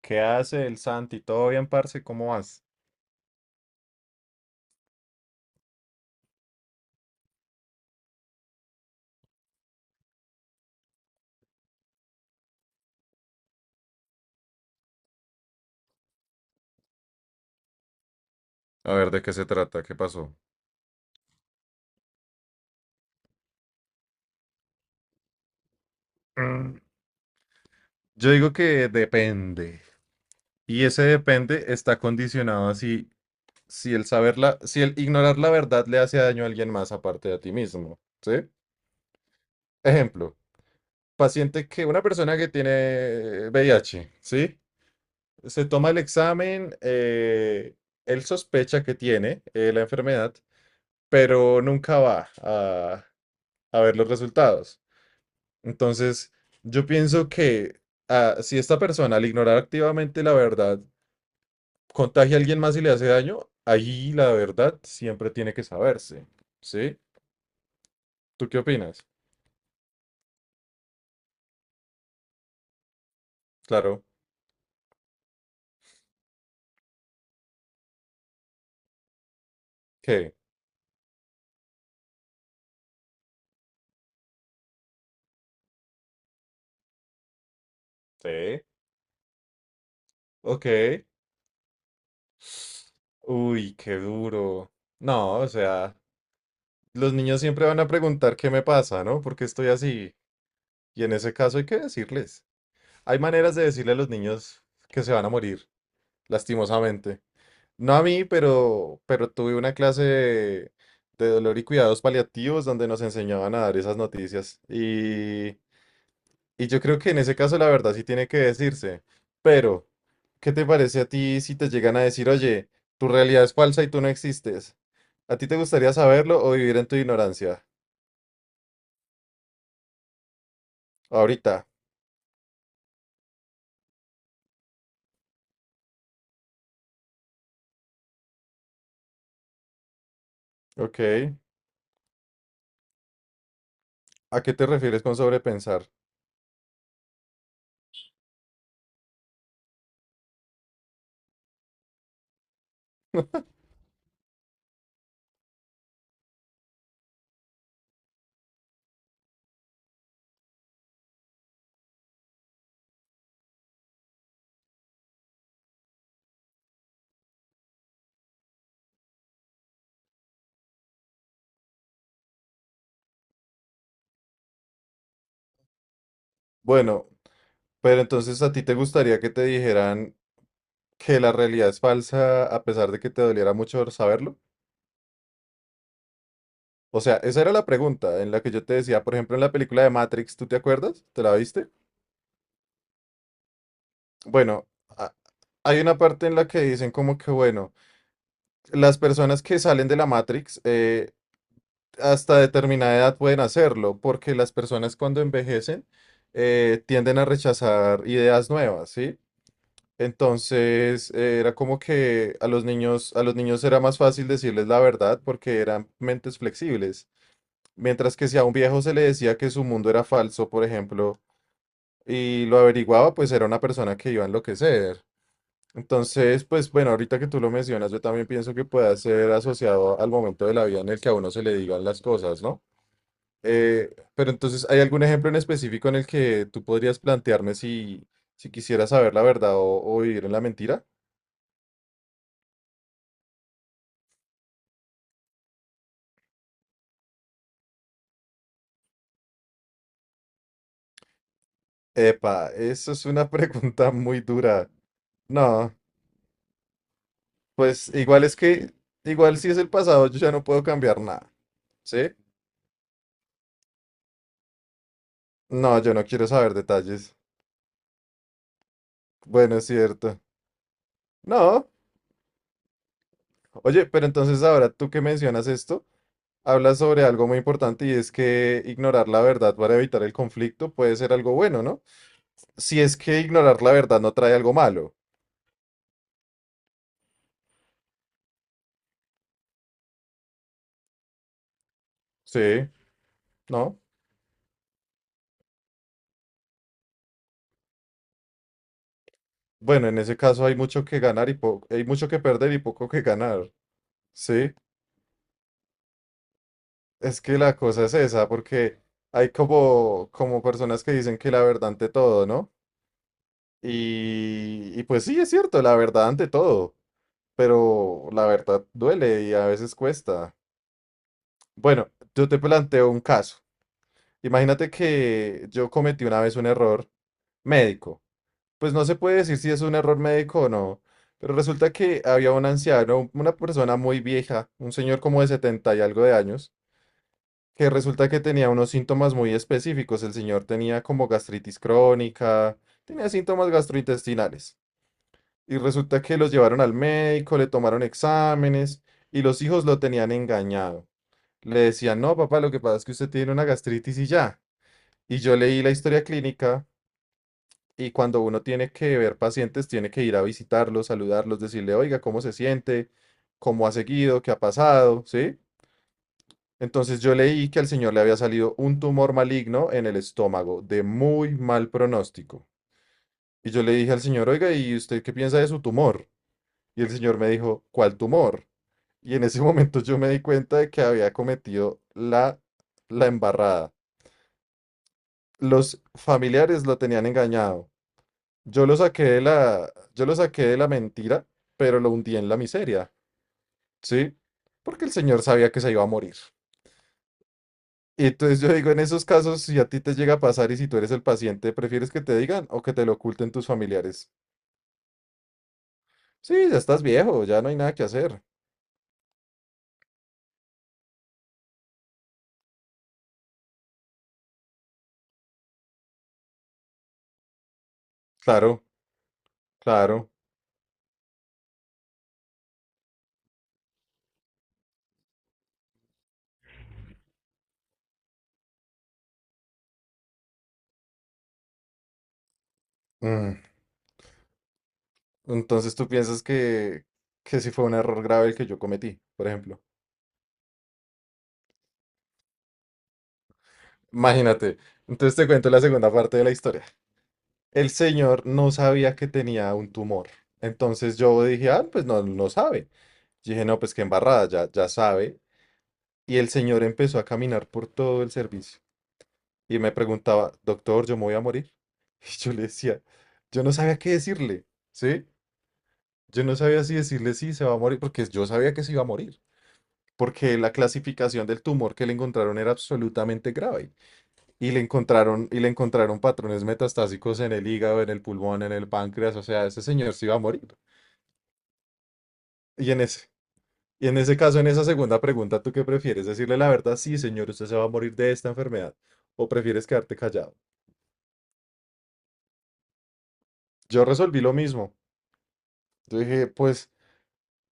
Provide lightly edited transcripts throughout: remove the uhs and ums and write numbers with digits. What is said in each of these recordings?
¿Qué hace el Santi? ¿Todo bien, parce? ¿Cómo vas? A ver, ¿de qué se trata? ¿Qué pasó? Mm, Yo digo que depende. Y ese depende está condicionado a si si el ignorar la verdad le hace daño a alguien más aparte de a ti mismo, ¿sí? Ejemplo, una persona que tiene VIH, ¿sí? Se toma el examen, él sospecha que tiene la enfermedad, pero nunca va a ver los resultados. Entonces, yo pienso que si esta persona al ignorar activamente la verdad contagia a alguien más y le hace daño, ahí la verdad siempre tiene que saberse. ¿Sí? ¿Tú qué opinas? Claro. ¿Qué? Sí. Ok. Uy, qué duro. No, o sea, los niños siempre van a preguntar qué me pasa, ¿no? Porque estoy así. Y en ese caso hay que decirles. Hay maneras de decirle a los niños que se van a morir, lastimosamente. No a mí, pero tuve una clase de dolor y cuidados paliativos donde nos enseñaban a dar esas noticias. Y yo creo que en ese caso la verdad sí tiene que decirse. Pero, ¿qué te parece a ti si te llegan a decir, oye, tu realidad es falsa y tú no existes? ¿A ti te gustaría saberlo o vivir en tu ignorancia? Ahorita. Ok. ¿A qué te refieres con sobrepensar? Bueno, pero entonces ¿a ti te gustaría que te dijeran que la realidad es falsa a pesar de que te doliera mucho saberlo? O sea, esa era la pregunta en la que yo te decía, por ejemplo, en la película de Matrix, ¿tú te acuerdas? ¿Te la viste? Bueno, hay una parte en la que dicen como que, bueno, las personas que salen de la Matrix hasta determinada edad pueden hacerlo, porque las personas cuando envejecen tienden a rechazar ideas nuevas, ¿sí? Entonces, era como que a los niños era más fácil decirles la verdad porque eran mentes flexibles. Mientras que si a un viejo se le decía que su mundo era falso, por ejemplo, y lo averiguaba, pues era una persona que iba a enloquecer. Entonces, pues bueno, ahorita que tú lo mencionas, yo también pienso que pueda ser asociado al momento de la vida en el que a uno se le digan las cosas, ¿no? Pero entonces, ¿hay algún ejemplo en específico en el que tú podrías plantearme si quisiera saber la verdad o vivir en la mentira? Epa, eso es una pregunta muy dura. No, pues igual es que, igual si es el pasado, yo ya no puedo cambiar nada, ¿sí? No, yo no quiero saber detalles. Bueno, es cierto. No, oye, pero entonces ahora tú que mencionas esto, hablas sobre algo muy importante y es que ignorar la verdad para evitar el conflicto puede ser algo bueno, ¿no? Si es que ignorar la verdad no trae algo malo. Sí, ¿no? Bueno, en ese caso hay mucho que ganar y hay mucho que perder y poco que ganar. Sí, es que la cosa es esa, porque hay como personas que dicen que la verdad ante todo, ¿no? Y pues sí, es cierto, la verdad ante todo, pero la verdad duele y a veces cuesta. Bueno, yo te planteo un caso. Imagínate que yo cometí una vez un error médico. Pues no se puede decir si es un error médico o no, pero resulta que había un anciano, una persona muy vieja, un señor como de 70 y algo de años, que resulta que tenía unos síntomas muy específicos. El señor tenía como gastritis crónica, tenía síntomas gastrointestinales. Y resulta que los llevaron al médico, le tomaron exámenes y los hijos lo tenían engañado. Le decían, no, papá, lo que pasa es que usted tiene una gastritis y ya. Y yo leí la historia clínica y cuando uno tiene que ver pacientes, tiene que ir a visitarlos, saludarlos, decirle, oiga, ¿cómo se siente? ¿Cómo ha seguido? ¿Qué ha pasado? ¿Sí? Entonces yo leí que al señor le había salido un tumor maligno en el estómago, de muy mal pronóstico. Y yo le dije al señor, oiga, ¿y usted qué piensa de su tumor? Y el señor me dijo, ¿cuál tumor? Y en ese momento yo me di cuenta de que había cometido la embarrada. Los familiares lo tenían engañado. Yo lo saqué de la mentira, pero lo hundí en la miseria, ¿sí? Porque el señor sabía que se iba a morir. Y entonces yo digo, en esos casos, si a ti te llega a pasar y si tú eres el paciente, ¿prefieres que te digan o que te lo oculten tus familiares? Sí, ya estás viejo, ya no hay nada que hacer. Claro, claro. Mm. Entonces tú piensas que sí fue un error grave el que yo cometí, por ejemplo. Imagínate. Entonces te cuento la segunda parte de la historia. El señor no sabía que tenía un tumor. Entonces yo dije, pues no, no sabe. Yo dije, no, pues qué embarrada, ya, ya sabe. Y el señor empezó a caminar por todo el servicio y me preguntaba, doctor, ¿yo me voy a morir? Y yo le decía, yo no sabía qué decirle, ¿sí? Yo no sabía si decirle sí, se va a morir, porque yo sabía que se iba a morir, porque la clasificación del tumor que le encontraron era absolutamente grave y le encontraron patrones metastásicos en el hígado, en el pulmón, en el páncreas, o sea, ese señor se iba a morir. Y en ese, y en ese caso, en esa segunda pregunta, ¿tú qué prefieres? ¿Decirle la verdad? Sí, señor, usted se va a morir de esta enfermedad. ¿O prefieres quedarte callado? Yo resolví lo mismo. Yo dije, pues,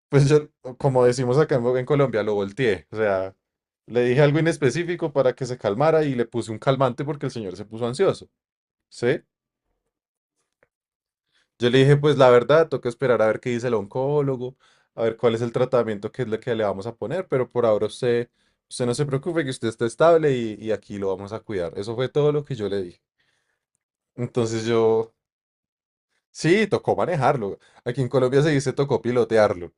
pues yo, como decimos acá en Colombia, lo volteé. O sea, le dije algo inespecífico para que se calmara y le puse un calmante porque el señor se puso ansioso. ¿Sí? Yo le dije, pues la verdad, toca esperar a ver qué dice el oncólogo, a ver cuál es el tratamiento que es lo que le vamos a poner, pero por ahora usted no se preocupe que usted está estable y aquí lo vamos a cuidar. Eso fue todo lo que yo le dije. Entonces yo, sí, tocó manejarlo. Aquí en Colombia se dice tocó pilotearlo,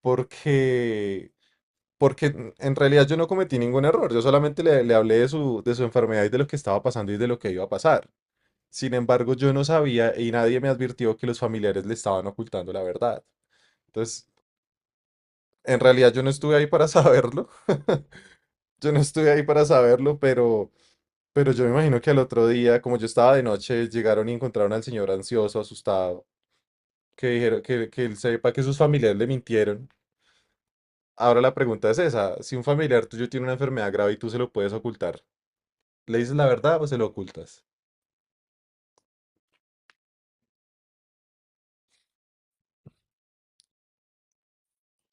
porque, porque en realidad yo no cometí ningún error, yo solamente le hablé de su enfermedad y de lo que estaba pasando y de lo que iba a pasar. Sin embargo, yo no sabía y nadie me advirtió que los familiares le estaban ocultando la verdad. Entonces, en realidad yo no estuve ahí para saberlo. Yo no estuve ahí para saberlo, pero yo me imagino que al otro día, como yo estaba de noche, llegaron y encontraron al señor ansioso, asustado, que dijeron que él sepa que sus familiares le mintieron. Ahora la pregunta es esa, si un familiar tuyo tiene una enfermedad grave y tú se lo puedes ocultar, ¿le dices la verdad o se lo ocultas?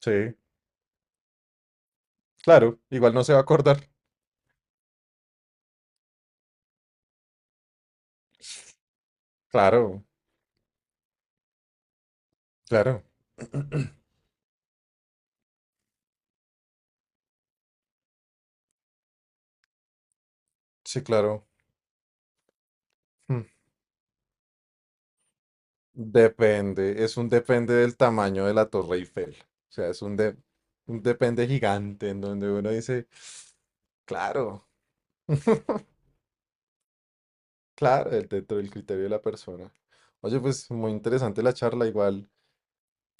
Sí, claro, igual no se va a acordar. Claro, claro. Sí, claro. Mm. Depende, es un depende del tamaño de la Torre Eiffel. O sea, es un un depende gigante en donde uno dice, claro, claro, dentro del criterio de la persona. Oye, pues muy interesante la charla, igual.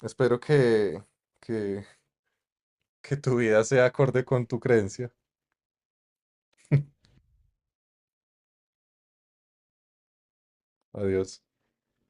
Espero que, que tu vida sea acorde con tu creencia. Adiós.